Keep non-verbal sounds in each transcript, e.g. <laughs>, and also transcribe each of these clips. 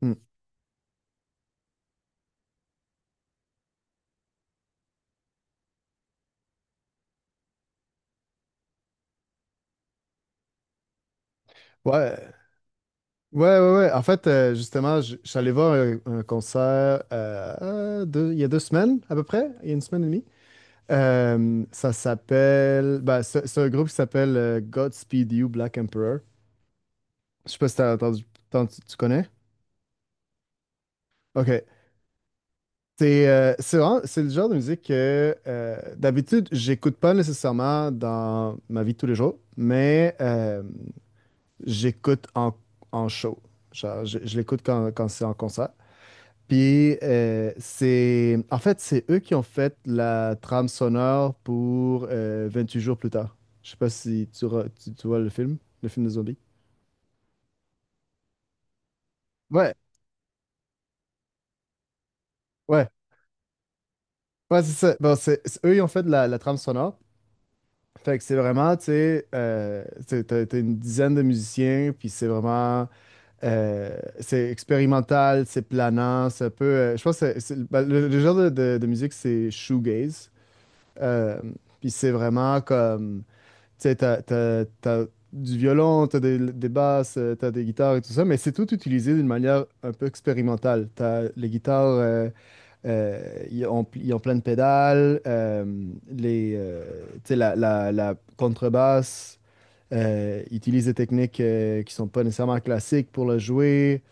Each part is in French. Hmm. Ouais. Ouais, ouais, ouais. En fait, justement, je suis allé voir un concert il y a deux semaines, à peu près, il y a une semaine et demie. Ça s'appelle. Bah c'est un groupe qui s'appelle Godspeed You Black Emperor. Je sais pas si t'as entendu, tu connais? Ok. C'est le genre de musique que d'habitude, j'écoute pas nécessairement dans ma vie de tous les jours, mais j'écoute en show. Genre, je l'écoute quand c'est en concert. Puis c'est en fait c'est eux qui ont fait la trame sonore pour 28 jours plus tard. Je sais pas si tu vois le le film de zombies. Ouais, ouais, ouais, c'est ça. Bon, eux ils ont fait de la trame sonore. Fait que c'est vraiment, tu sais, t'sais, t'as une dizaine de musiciens, puis c'est vraiment, c'est expérimental, c'est planant, c'est un peu, je pense que ben, le genre de musique, c'est shoegaze. Euh, Puis c'est vraiment comme, tu sais, t'as du violon, t'as des basses, t'as des guitares et tout ça, mais c'est tout utilisé d'une manière un peu expérimentale. T'as les guitares, euh, ils ont plein de pédales, tu sais, la contrebasse utilise des techniques qui sont pas nécessairement classiques pour le jouer.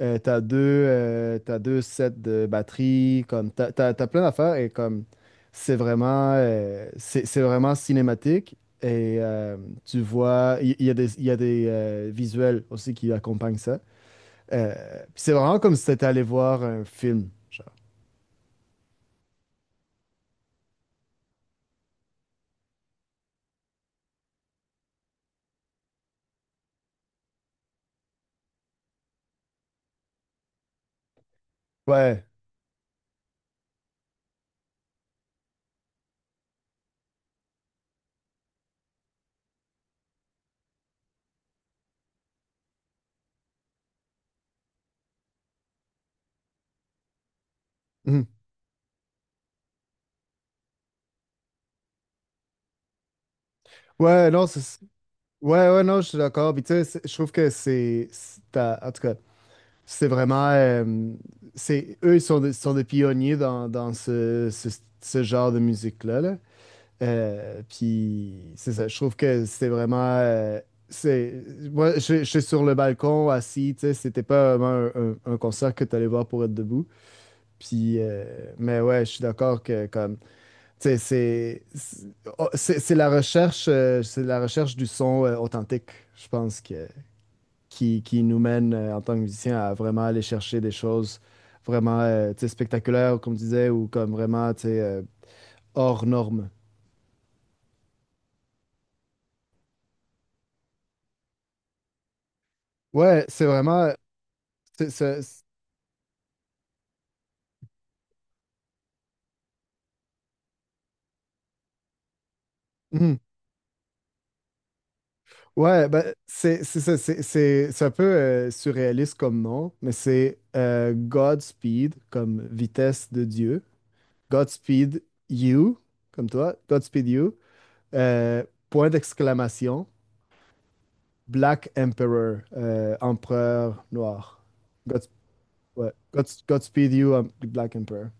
T'as deux sets de batterie, comme t'as plein d'affaires et comme c'est vraiment, c'est vraiment cinématique et tu vois, il y a des visuels aussi qui accompagnent ça. Euh, Puis c'est vraiment comme si t'étais allé voir un film, genre. Ouais. Mhm. Ouais, non, c'est... Ouais, ouais, non, je suis d'accord. Puis tu sais, je trouve que en tout cas, c'est vraiment... euh, eux, ils sont sont des pionniers dans ce genre de musique-là, là. Puis c'est ça, je trouve que c'est... moi, je suis sur le balcon, assis, tu sais, c'était pas vraiment un concert que tu allais voir pour être debout. Mais ouais, je suis d'accord que comme... C'est c'est- c'est- c'est la recherche du son authentique, je pense, qui nous mène en tant que musicien à vraiment aller chercher des choses vraiment tu sais, spectaculaires, comme tu disais, ou comme vraiment tu sais, hors norme. Ouais, c'est vraiment. c'est- c'est- c'est- hmm. Ouais, ben, c'est ça, c'est un peu surréaliste comme nom, mais c'est Godspeed, comme vitesse de Dieu. Godspeed You, comme toi. Godspeed You. Euh, Point d'exclamation, Black Emperor, empereur noir. Gods- ouais. Godspeed you, Black Emperor.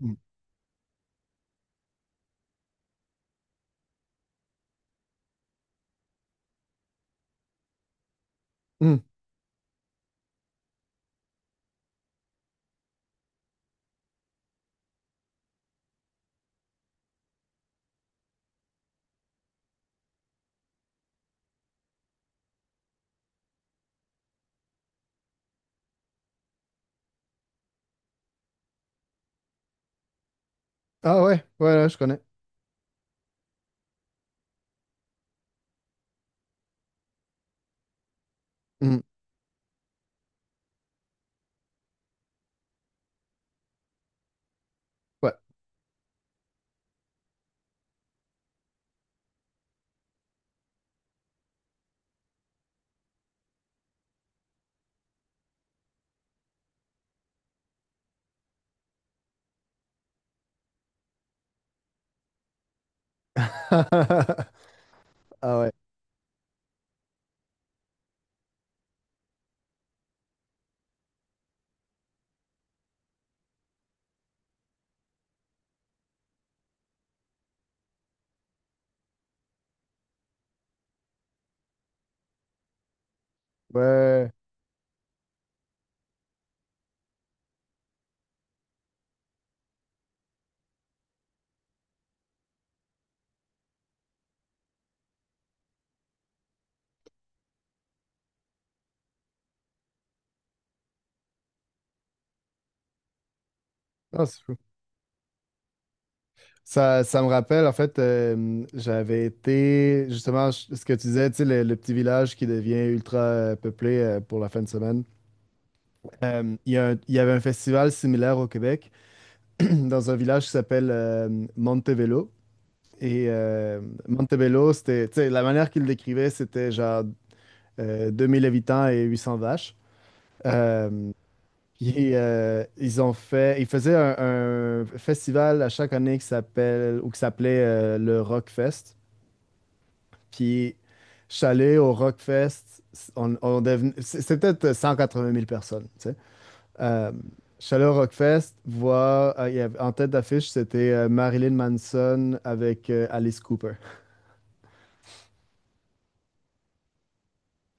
Mm. Mm. Ah ouais, ouais, ouais, je connais. Mm. Ouais. <laughs> Ah ouais, ouais. Non, c'est fou. Ça me rappelle, en fait, j'avais été, justement, ce que tu disais, tu sais, le petit village qui devient ultra peuplé pour la fin de semaine. Il y avait un festival similaire au Québec. <clears throat> Dans un village qui s'appelle Montebello. Et Montebello, c'était, tu sais, la manière qu'il le décrivait, c'était genre 2000 habitants et 800 vaches. Euh, Puis, ils faisaient un festival à chaque année qui s'appelle ou qui s'appelait le Rockfest. Puis, je suis allé au Rockfest, c'était peut-être 180 000 personnes, tu sais. Euh, je suis allé Rockfest, voir, en tête d'affiche, c'était Marilyn Manson avec Alice Cooper.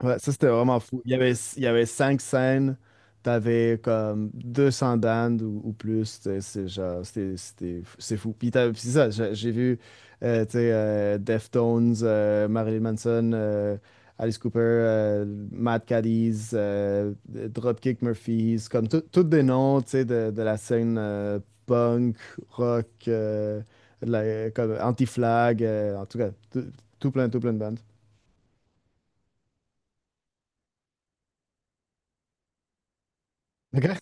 Ouais, ça, c'était vraiment fou. Il y avait cinq scènes, t'avais comme 200 bandes ou plus, t'sais, c'est genre, c'est fou. Puis, t'as puis c'est ça, j'ai vu, t'sais, Deftones, Marilyn Manson, Alice Cooper, Mad Caddies, Dropkick Murphys, comme tous des noms, t'sais, de la scène punk, rock, comme anti-flag, en tout cas, tout plein de bandes. OK. <laughs>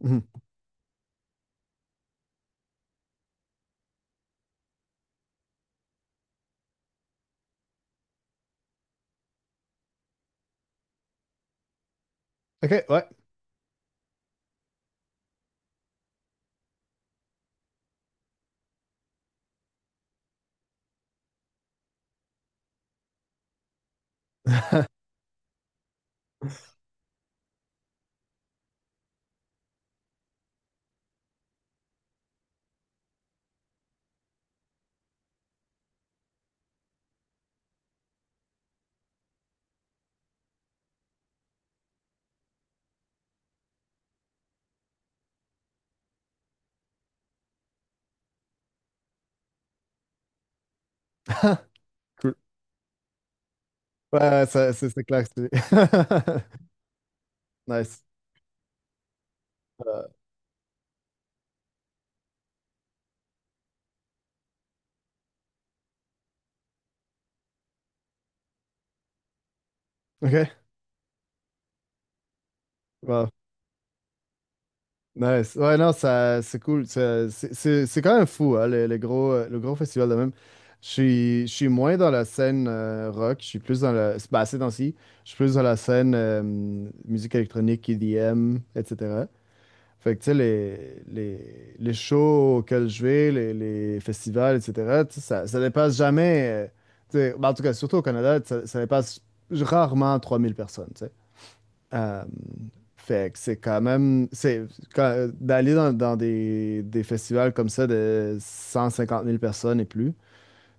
Mhm. OK, ouais. <laughs> Cool. Ouais, ouais, c'est clair que c'est. <laughs> Nice. Euh, OK. Wow. Nice. Ouais, non, ça, c'est cool. C'est quand même fou, hein, le gros festival de même. Je suis moins dans la scène rock, je suis plus dans la. Bah, ces temps-ci, je suis plus dans la scène musique électronique, EDM, etc. Fait que, tu sais, les shows auxquels je vais, les festivals, etc., tu sais, ça dépasse jamais, tu sais, ben, en tout cas, surtout au Canada, ça dépasse rarement 3 000 personnes, tu sais. Euh, Fait que c'est quand même, d'aller dans des festivals comme ça de 150 000 personnes et plus,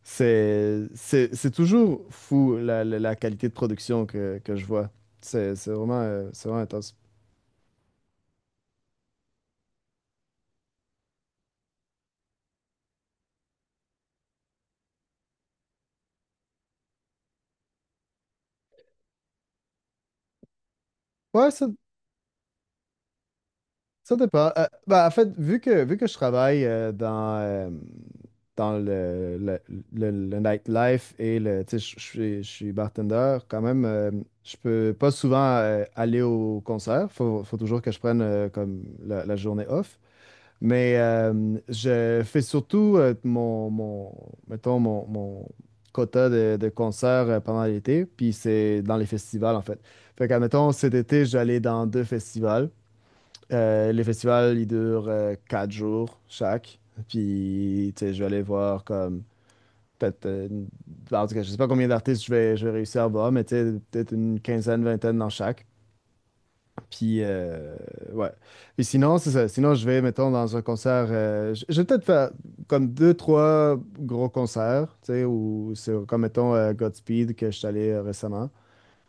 c'est toujours fou la qualité de production que je vois. C'est vraiment intense. Ouais, ça, ça dépend. Ben, en fait, vu que je travaille dans le nightlife et le, tu sais, je suis bartender, quand même, je peux pas souvent aller au concert. Faut toujours que je prenne comme la journée off. Mais je fais surtout mettons, mon quota de concerts pendant l'été, puis c'est dans les festivals, en fait. Fait qu'admettons, cet été, j'allais dans deux festivals. Les festivals, ils durent quatre jours chaque. Puis, tu sais, je vais aller voir comme peut-être, en tout cas, je sais pas combien d'artistes je vais réussir à voir, mais tu sais, peut-être une quinzaine, vingtaine dans chaque. Puis, ouais. Puis sinon, c'est ça. Sinon, mettons, dans un concert, je vais peut-être faire comme deux, trois gros concerts, tu sais, ou c'est comme, mettons, Godspeed que je suis allé récemment.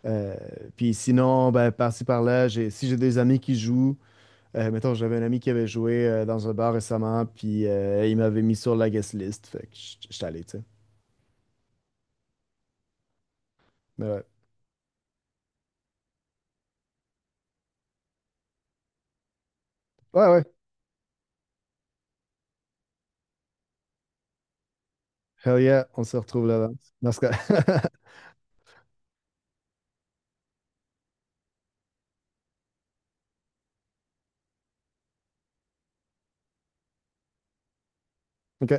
Euh, Puis sinon, ben, par-ci, par-là, si j'ai des amis qui jouent, mettons, j'avais un ami qui avait joué dans un bar récemment, puis il m'avait mis sur la guest list. Fait que j'étais allé, tu sais. Mais ouais. Ouais, ouais. Hell yeah, on se retrouve là-bas. Dans ce cas. <laughs> OK.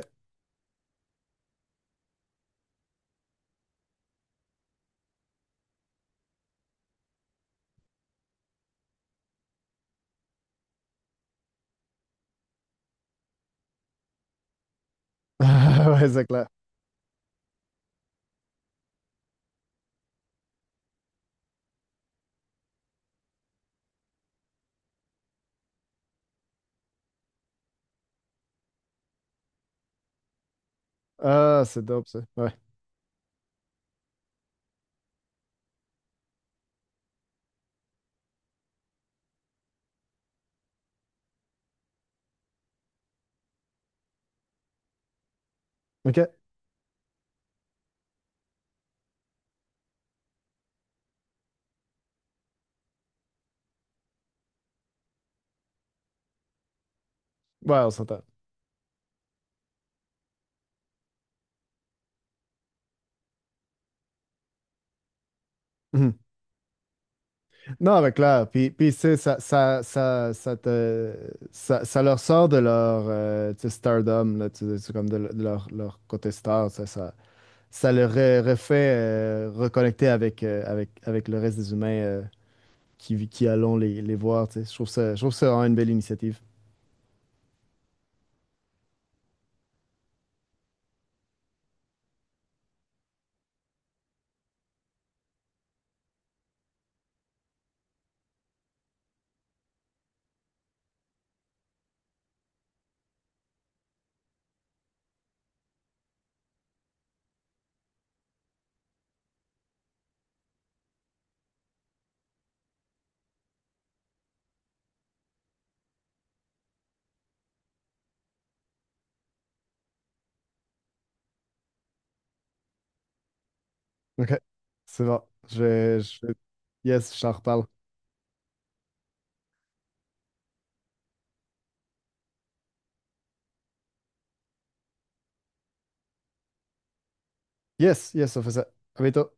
Ah, ouais, c'est clair. Ah, c'est dope, ça. Ouais. OK. Ouais, on s'entend. Mhm. Non, mais clair. Puis tu sais, ça te, ça leur sort de leur tu sais, stardom, là, tu sais, c'est comme de leur côté star. Ça leur refait reconnecter avec le reste des humains. Qui allons les voir, tu sais. Je trouve ça vraiment une belle initiative. OK. C'est bon. Je, je... Yes, je t'en reparle. Yes, yes, on fait ça. À bientôt.